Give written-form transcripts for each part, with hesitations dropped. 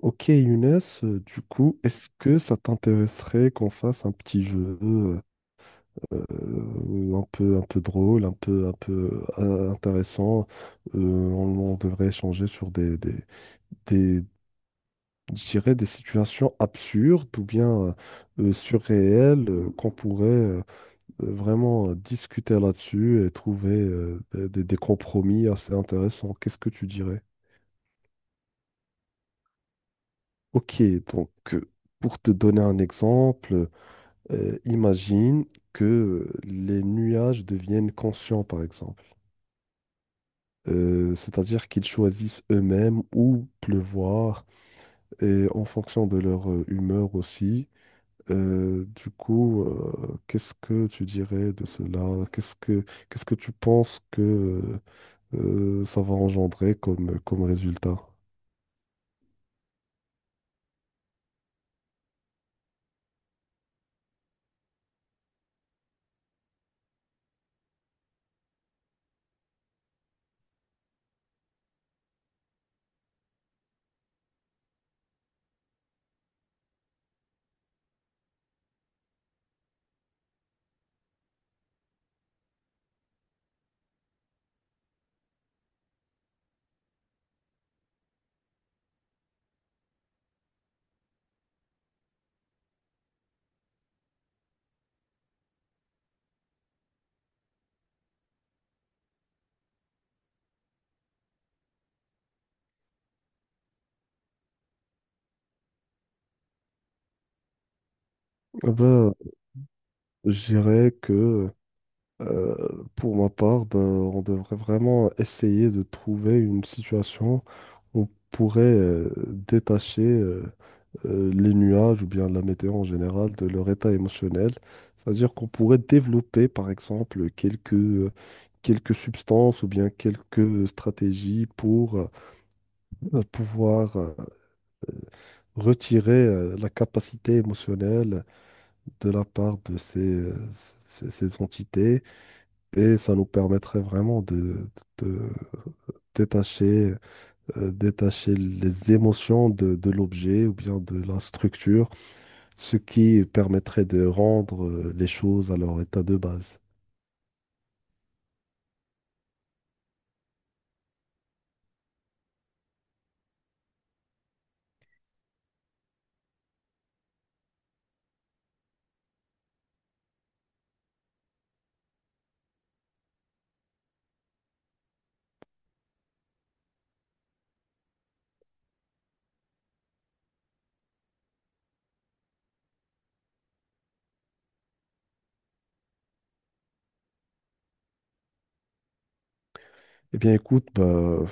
Ok Younes, du coup, est-ce que ça t'intéresserait qu'on fasse un petit jeu un peu drôle, un peu intéressant? On devrait échanger sur des, je dirais des situations absurdes ou bien surréelles qu'on pourrait vraiment discuter là-dessus et trouver des compromis assez intéressants. Qu'est-ce que tu dirais? Ok, donc pour te donner un exemple. Imagine que les nuages deviennent conscients, par exemple. C'est-à-dire qu'ils choisissent eux-mêmes où pleuvoir et en fonction de leur humeur aussi. Qu'est-ce que tu dirais de cela? Qu'est-ce que tu penses que ça va engendrer comme, comme résultat? Eh ben, je dirais que pour ma part, ben, on devrait vraiment essayer de trouver une situation où on pourrait détacher les nuages ou bien la météo en général, de leur état émotionnel. C'est-à-dire qu'on pourrait développer, par exemple, quelques substances ou bien quelques stratégies pour pouvoir retirer la capacité émotionnelle de la part de ces entités et ça nous permettrait vraiment de détacher, détacher les émotions de l'objet ou bien de la structure, ce qui permettrait de rendre les choses à leur état de base. Eh bien, écoute,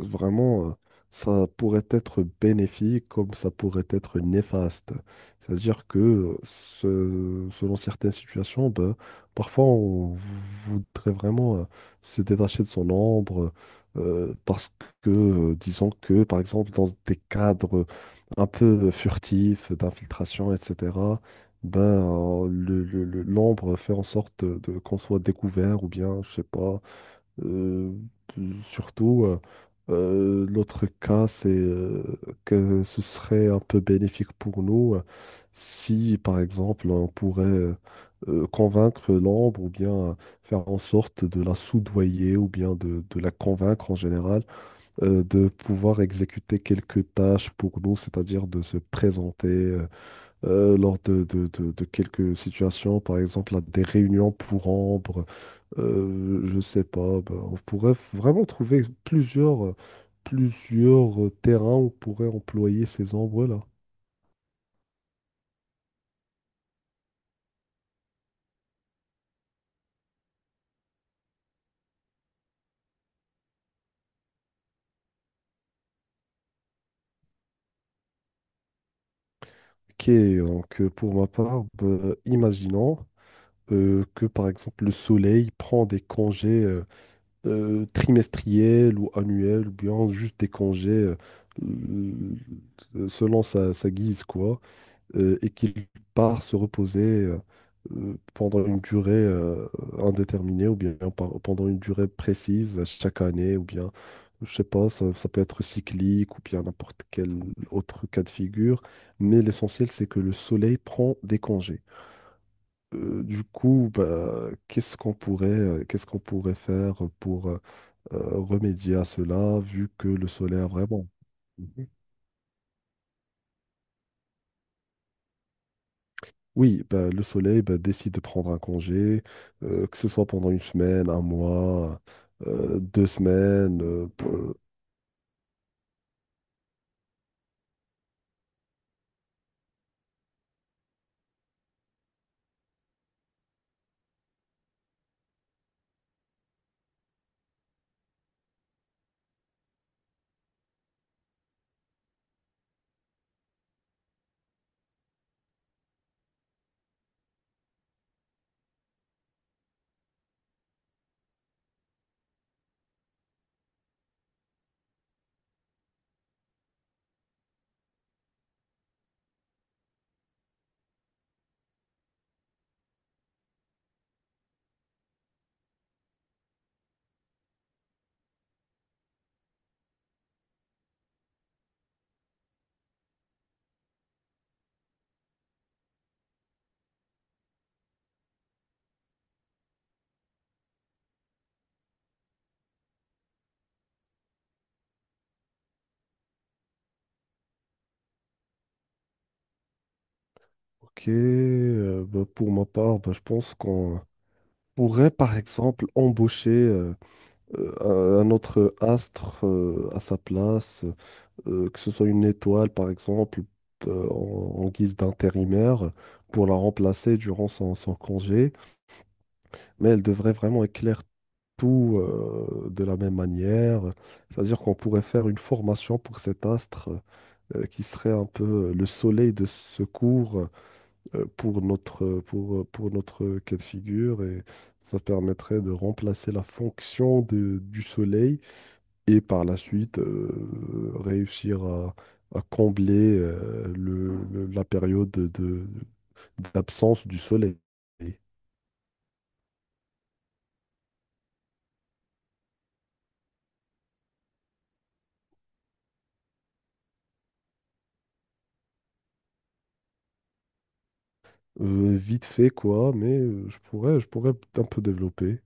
vraiment, ça pourrait être bénéfique comme ça pourrait être néfaste. C'est-à-dire que selon certaines situations, bah, parfois on voudrait vraiment se détacher de son ombre parce que, disons que, par exemple, dans des cadres un peu furtifs d'infiltration, etc., l'ombre fait en sorte qu'on soit découvert ou bien, je sais pas, euh, surtout, euh, l'autre cas, c'est que ce serait un peu bénéfique pour nous, si, par exemple, on pourrait convaincre l'ombre ou bien faire en sorte de la soudoyer ou bien de la convaincre en général, de pouvoir exécuter quelques tâches pour nous, c'est-à-dire de se présenter lors de quelques situations, par exemple à des réunions pour Ambre. Je sais pas, ben, on pourrait vraiment trouver plusieurs terrains où on pourrait employer ces ombres-là. Ok, donc pour ma part, ben, imaginons que par exemple le soleil prend des congés trimestriels ou annuels, ou bien juste des congés selon sa guise, quoi. Et qu'il part se reposer pendant une durée indéterminée ou bien pendant une durée précise chaque année ou bien, je sais pas, ça peut être cyclique ou bien n'importe quel autre cas de figure. Mais l'essentiel, c'est que le soleil prend des congés. Du coup, bah, qu'est-ce qu'on pourrait faire pour remédier à cela vu que le soleil a vraiment... Oui, bah, le soleil bah, décide de prendre un congé, que ce soit pendant une semaine, un mois, deux semaines. Ok, bah, pour ma part, bah, je pense qu'on pourrait par exemple embaucher un autre astre à sa place, que ce soit une étoile par exemple, en guise d'intérimaire, pour la remplacer durant son congé. Mais elle devrait vraiment éclairer tout de la même manière. C'est-à-dire qu'on pourrait faire une formation pour cet astre qui serait un peu le soleil de secours pour pour notre cas de figure, et ça permettrait de remplacer la fonction du soleil, et par la suite réussir à combler la période d'absence du soleil. Vite fait quoi, mais je pourrais un peu développer.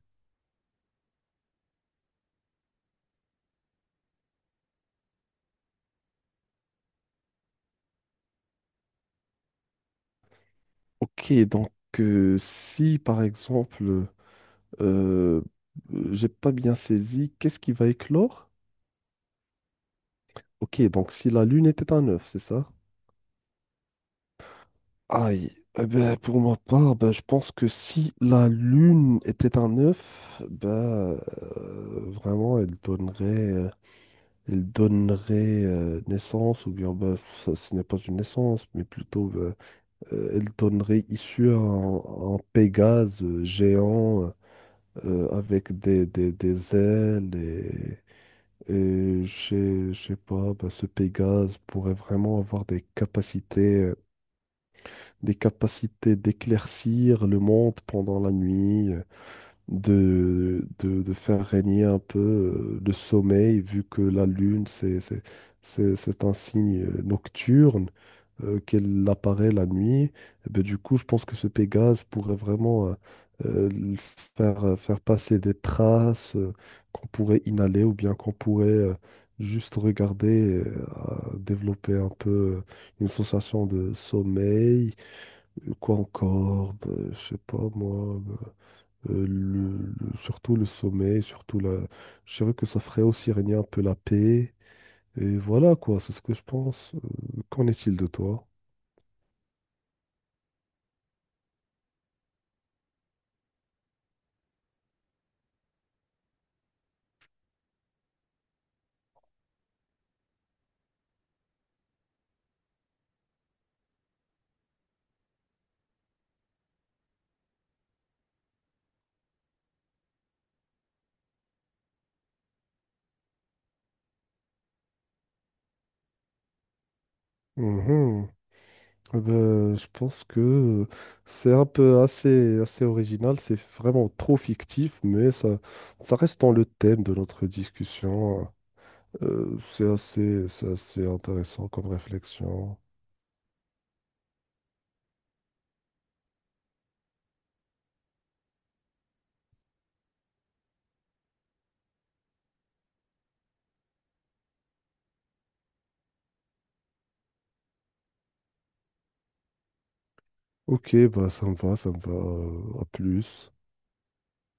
Ok, donc si par exemple, euh, j'ai pas bien saisi, qu'est-ce qui va éclore? Ok, donc si la Lune était un œuf, c'est ça? Aïe, eh ben, pour ma part, ben, je pense que si la Lune était un œuf, ben, vraiment, euh, elle donnerait naissance, ou bien ben, ça, ce n'est pas une naissance, mais plutôt, ben, elle donnerait issue à à un Pégase géant avec des ailes, et je sais pas, bah, ce Pégase pourrait vraiment avoir des capacités d'éclaircir le monde pendant la nuit. De faire régner un peu le sommeil, vu que la Lune, c'est un signe nocturne, qu'elle apparaît la nuit. Et ben, du coup, je pense que ce Pégase pourrait vraiment euh, le faire passer des traces qu'on pourrait inhaler ou bien qu'on pourrait juste regarder, à développer un peu euh, une sensation de sommeil. Quoi encore? Ben, je sais pas, moi. Ben, surtout le sommeil, surtout la... Je dirais que ça ferait aussi régner un peu la paix. Et voilà quoi, c'est ce que je pense. Qu'en est-il de toi? Mhm. Eh ben, je pense que c'est un peu assez, assez original, c'est vraiment trop fictif, mais ça reste dans le thème de notre discussion. C'est assez intéressant comme réflexion. Ok, bah ça me va, ça me va. À plus.